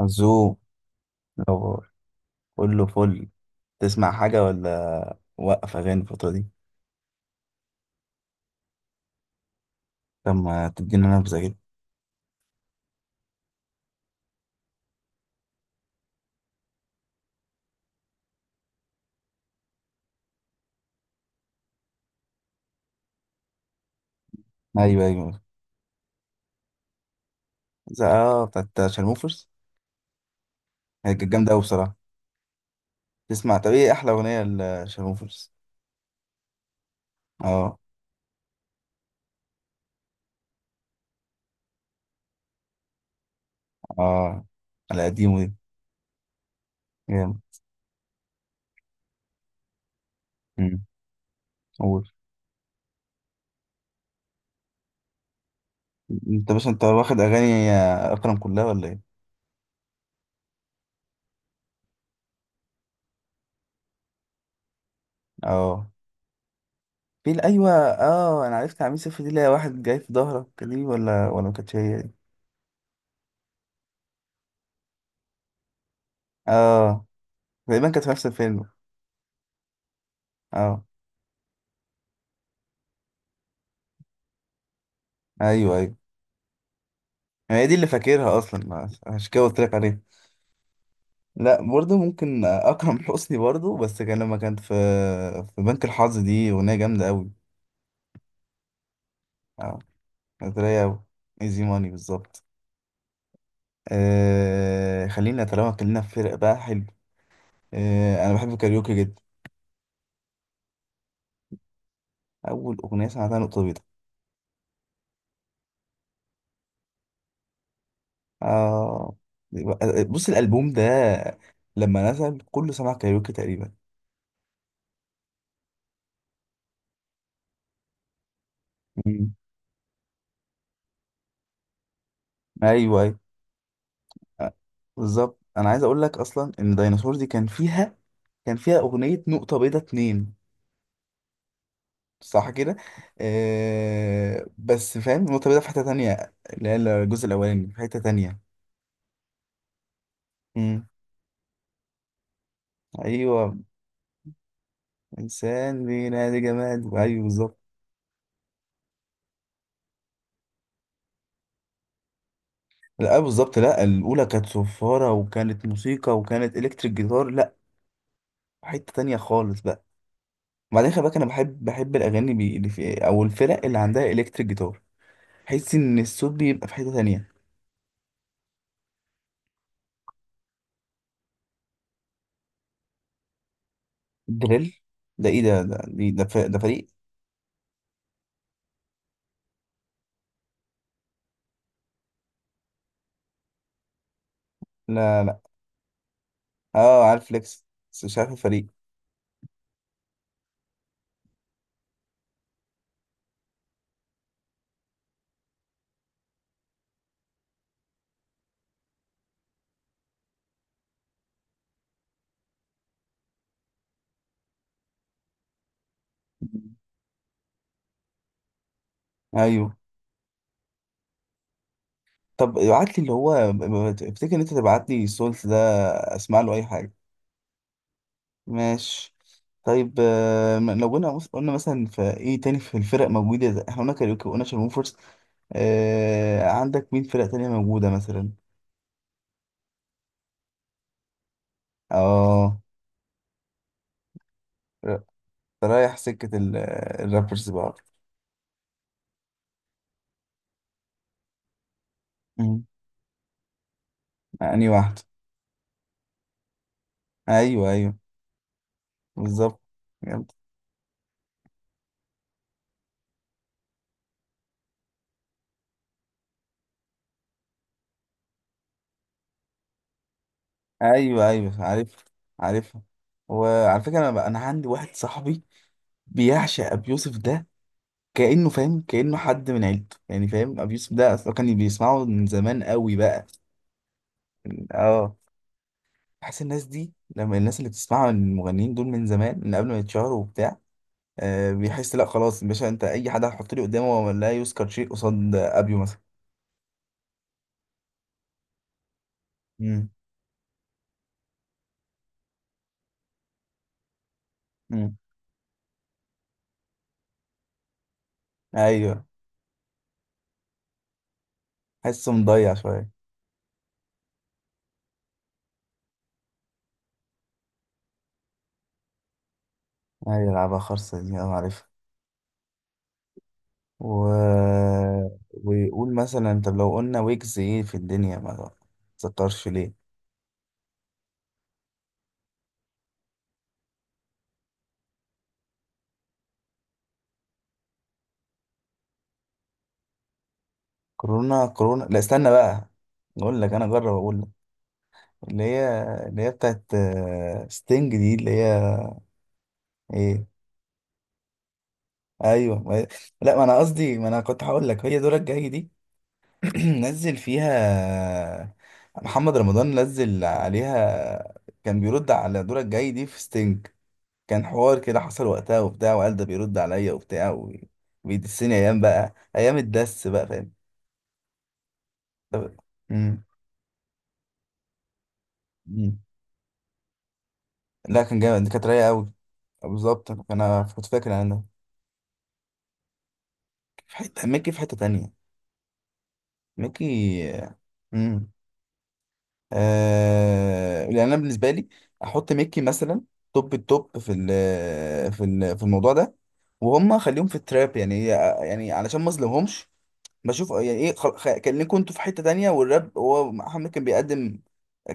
عزوم. لو، كله فل. تسمع حاجة ولا وقف أغاني الفترة دي؟ لما تدينا نبذة كده. أيوه، أيوه. بتاعت شارموفرز. هي كانت جامدة أوي بصراحة. تسمع؟ طب، إيه أحلى أغنية لشارموفرز؟ اه، اه. على قديمه دي. جامد. أمم، قول. أنت بس أنت واخد أغاني أكرم كلها ولا إيه؟ اه. في ال- أيوه اه أنا عرفت عميل صفر دي، اللي هي واحد جاي في ظهرك دي ولا ما كانتش هي دي؟ اه، تقريبا كانت في نفس الفيلم. اه. ايوه، ايوه. هي دي اللي فاكرها اصلا، عشان كده قلت لك عليها. لا، برضه ممكن اكرم حسني برضه، بس كان لما كانت في بنك الحظ دي اغنيه جامده قوي. اه، كانت رايقه قوي. ايزي ماني بالظبط. خلينا طالما اتكلمنا في فرق بقى حلو. انا بحب الكاريوكي جدا. اول اغنيه سمعتها نقطه بيضاء. آه. بص، الالبوم ده لما نزل كله سمع كاريوكي تقريبا. مم. ايوه، ايوه. آه، بالظبط انا عايز اقول لك اصلا ان ديناصور دي كان فيها أغنية نقطة بيضة اتنين. صح كده. بس فاهم، نقطة بيضة في حتة تانية، اللي هي الجزء الأولاني في حتة تانية. مم. أيوة. إنسان بينادي جماد، أيوة بالظبط. لا، بالظبط. لا، الأولى كانت صفارة وكانت موسيقى وكانت إلكتريك جيتار. لا، حتة تانية خالص بقى. وبعدين خلي بالك، أنا بحب الأغاني اللي في أو الفرق اللي عندها إلكتريك جيتار. بحس إن الصوت بيبقى في حتة تانية. دريل. ده إيه؟ ده ده دي- ده, ف- ده فريق؟ لا، لا. اه، عارف فليكس، بس مش عارف الفريق. مم. ايوه. طب ابعت لي، اللي هو افتكر ان انت تبعت لي سولت ده. اسمع له اي حاجه. ماشي. طيب، لو قلنا مثلا في ايه تاني في الفرق موجوده، احنا قلنا كاريوكي وقلنا شارموفرز. عندك مين فرق تانية موجودة مثلا؟ اه. ر- أنت رايح سكة الرابرز بقى. مم. أنهي واحدة؟ أيوه، أيوه. بالظبط. ايوه، ايوه، عارف، عارفها. وعلى فكره، انا عندي واحد صاحبي بيعشق ابي يوسف ده. كانه، فاهم؟ كانه حد من عيلته يعني، فاهم؟ ابي يوسف ده اصلا كان بيسمعه من زمان قوي بقى. اه. بحس الناس دي، لما الناس اللي بتسمعها من المغنيين دول من زمان، من قبل ما يتشهروا وبتاع، بيحس لا خلاص يا باشا، انت اي حد هتحط لي قدامه هو لا يذكر شيء قصاد ابيو مثلا. امم. امم. ايوه. حسه مضيع شويه. ايوه لعبها خرصه دي انا عارفها. و... ويقول مثلا، طب لو قلنا ويجز، ايه في الدنيا ما تذكرش ليه؟ كورونا، كورونا. لا، استنى بقى. اقول لك، انا اجرب اقول لك. اللي هي اللي هي بتاعت ستينج دي، اللي هي ايه؟ ايوه، ما... لا، ما انا كنت هقول لك هي دورك الجاي دي. نزل فيها محمد رمضان، نزل عليها. كان بيرد على دورك الجاي دي في ستينج. كان حوار كده حصل وقتها وبتاع، وقال ده بيرد عليا وبتاع وبيدسني ايام، بقى ايام الدس بقى، فاهم؟ طب- مم. مم. لا، كان جامد، كانت رايقه قوي. بالظبط انا كنت فاكر انا ده. في حته ميكي، في حته تانية. ميكي. امم. يعني انا بالنسبه لي، احط ميكي مثلا توب التوب، في الموضوع ده. وهم خليهم في التراب يعني علشان ما اظلمهمش. بشوف يعني ايه، كان ليكوا انتوا في حتة تانية، والراب هو محمد كان بيقدم،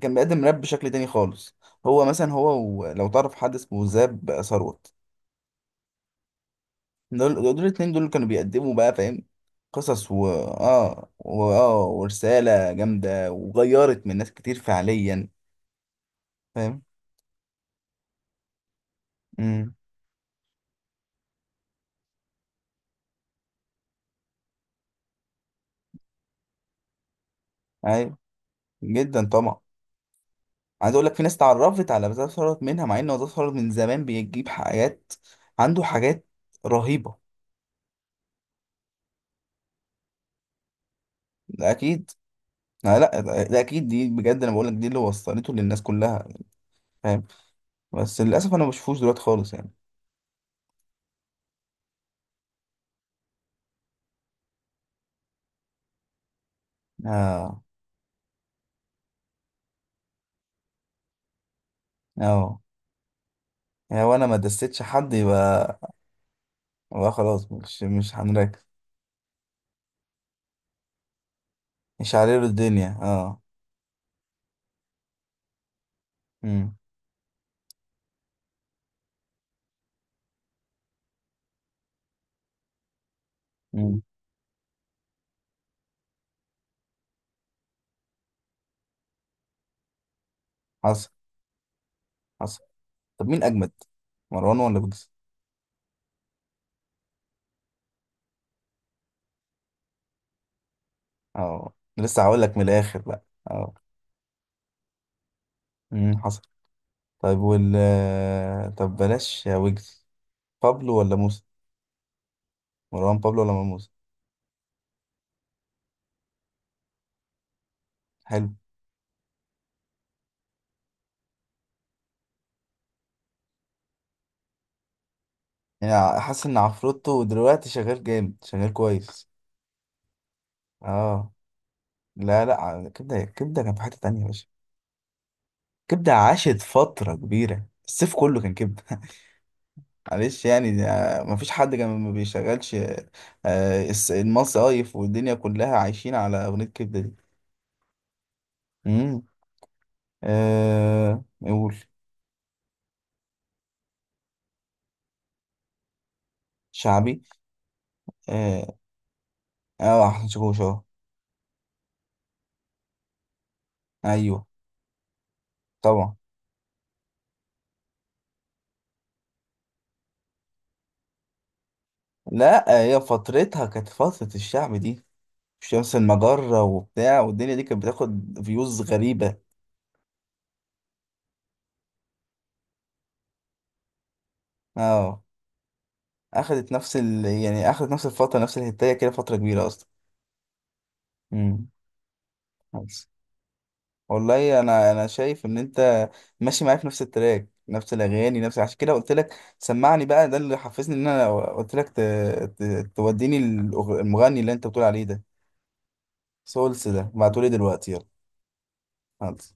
كان بيقدم راب بشكل تاني خالص. هو مثلا، لو تعرف حد اسمه زاب ثروت، دول الاتنين دول كانوا بيقدموا بقى، فاهم؟ قصص و اه و... اه ورسالة جامدة، وغيرت من ناس كتير فعليا. فاهم. امم. ايوه جدا طبعا. عايز اقول لك، في ناس اتعرفت على زاب ثروت منها، مع ان هو زاب ثروت من زمان بيجيب حاجات، عنده حاجات رهيبة. ده اكيد. لا، لا. ده اكيد، دي بجد انا بقول لك، دي اللي وصلته للناس كلها. فاهم. بس للاسف انا ما بشوفوش دلوقتي خالص يعني. اه، اه. يعني وانا ما دستش حد، يبقى خلاص مش هنركز. مش هعرف الدنيا، اه. امم. امم. حصل، حصل. طب مين اجمد، مروان ولا ويجز؟ اه، لسه هقول لك من الاخر بقى. اه. امم، حصل. طيب، طب بلاش يا ويجز. بابلو ولا موسى؟ مروان بابلو ولا مروان موسى؟ حلو. يعني حاسس ان عفروتو دلوقتي شغال جامد، شغال كويس. اه. لا، لا، كبده، كبده كان في حته تانية يا باشا. كبده عاشت فتره كبيره، الصيف كله كان كبده. معلش يعني، ده مفيش حد كان ما بيشغلش المصايف والدنيا كلها عايشين على اغنيه كبده دي. امم. نقول. شعبي. اه. احسن شاكوش اه. ايوه، طبعا. لا، هي فترتها كانت فتره الشعب دي، شمس المجرة وبتاع، والدنيا دي كانت بتاخد فيوز غريبة. اه، اخدت نفس يعني اخدت نفس الفترة، نفس الهتاية كده، فترة كبيرة اصلا. امم. بس. والله انا شايف ان انت ماشي معايا في نفس التراك، نفس الاغاني، نفس. عشان كده قلت لك سمعني بقى، ده اللي حفزني ان انا قلت لك ت... توديني. المغني اللي انت بتقول عليه ده، سولس ده، بعتولي دلوقتي يلا. خلاص.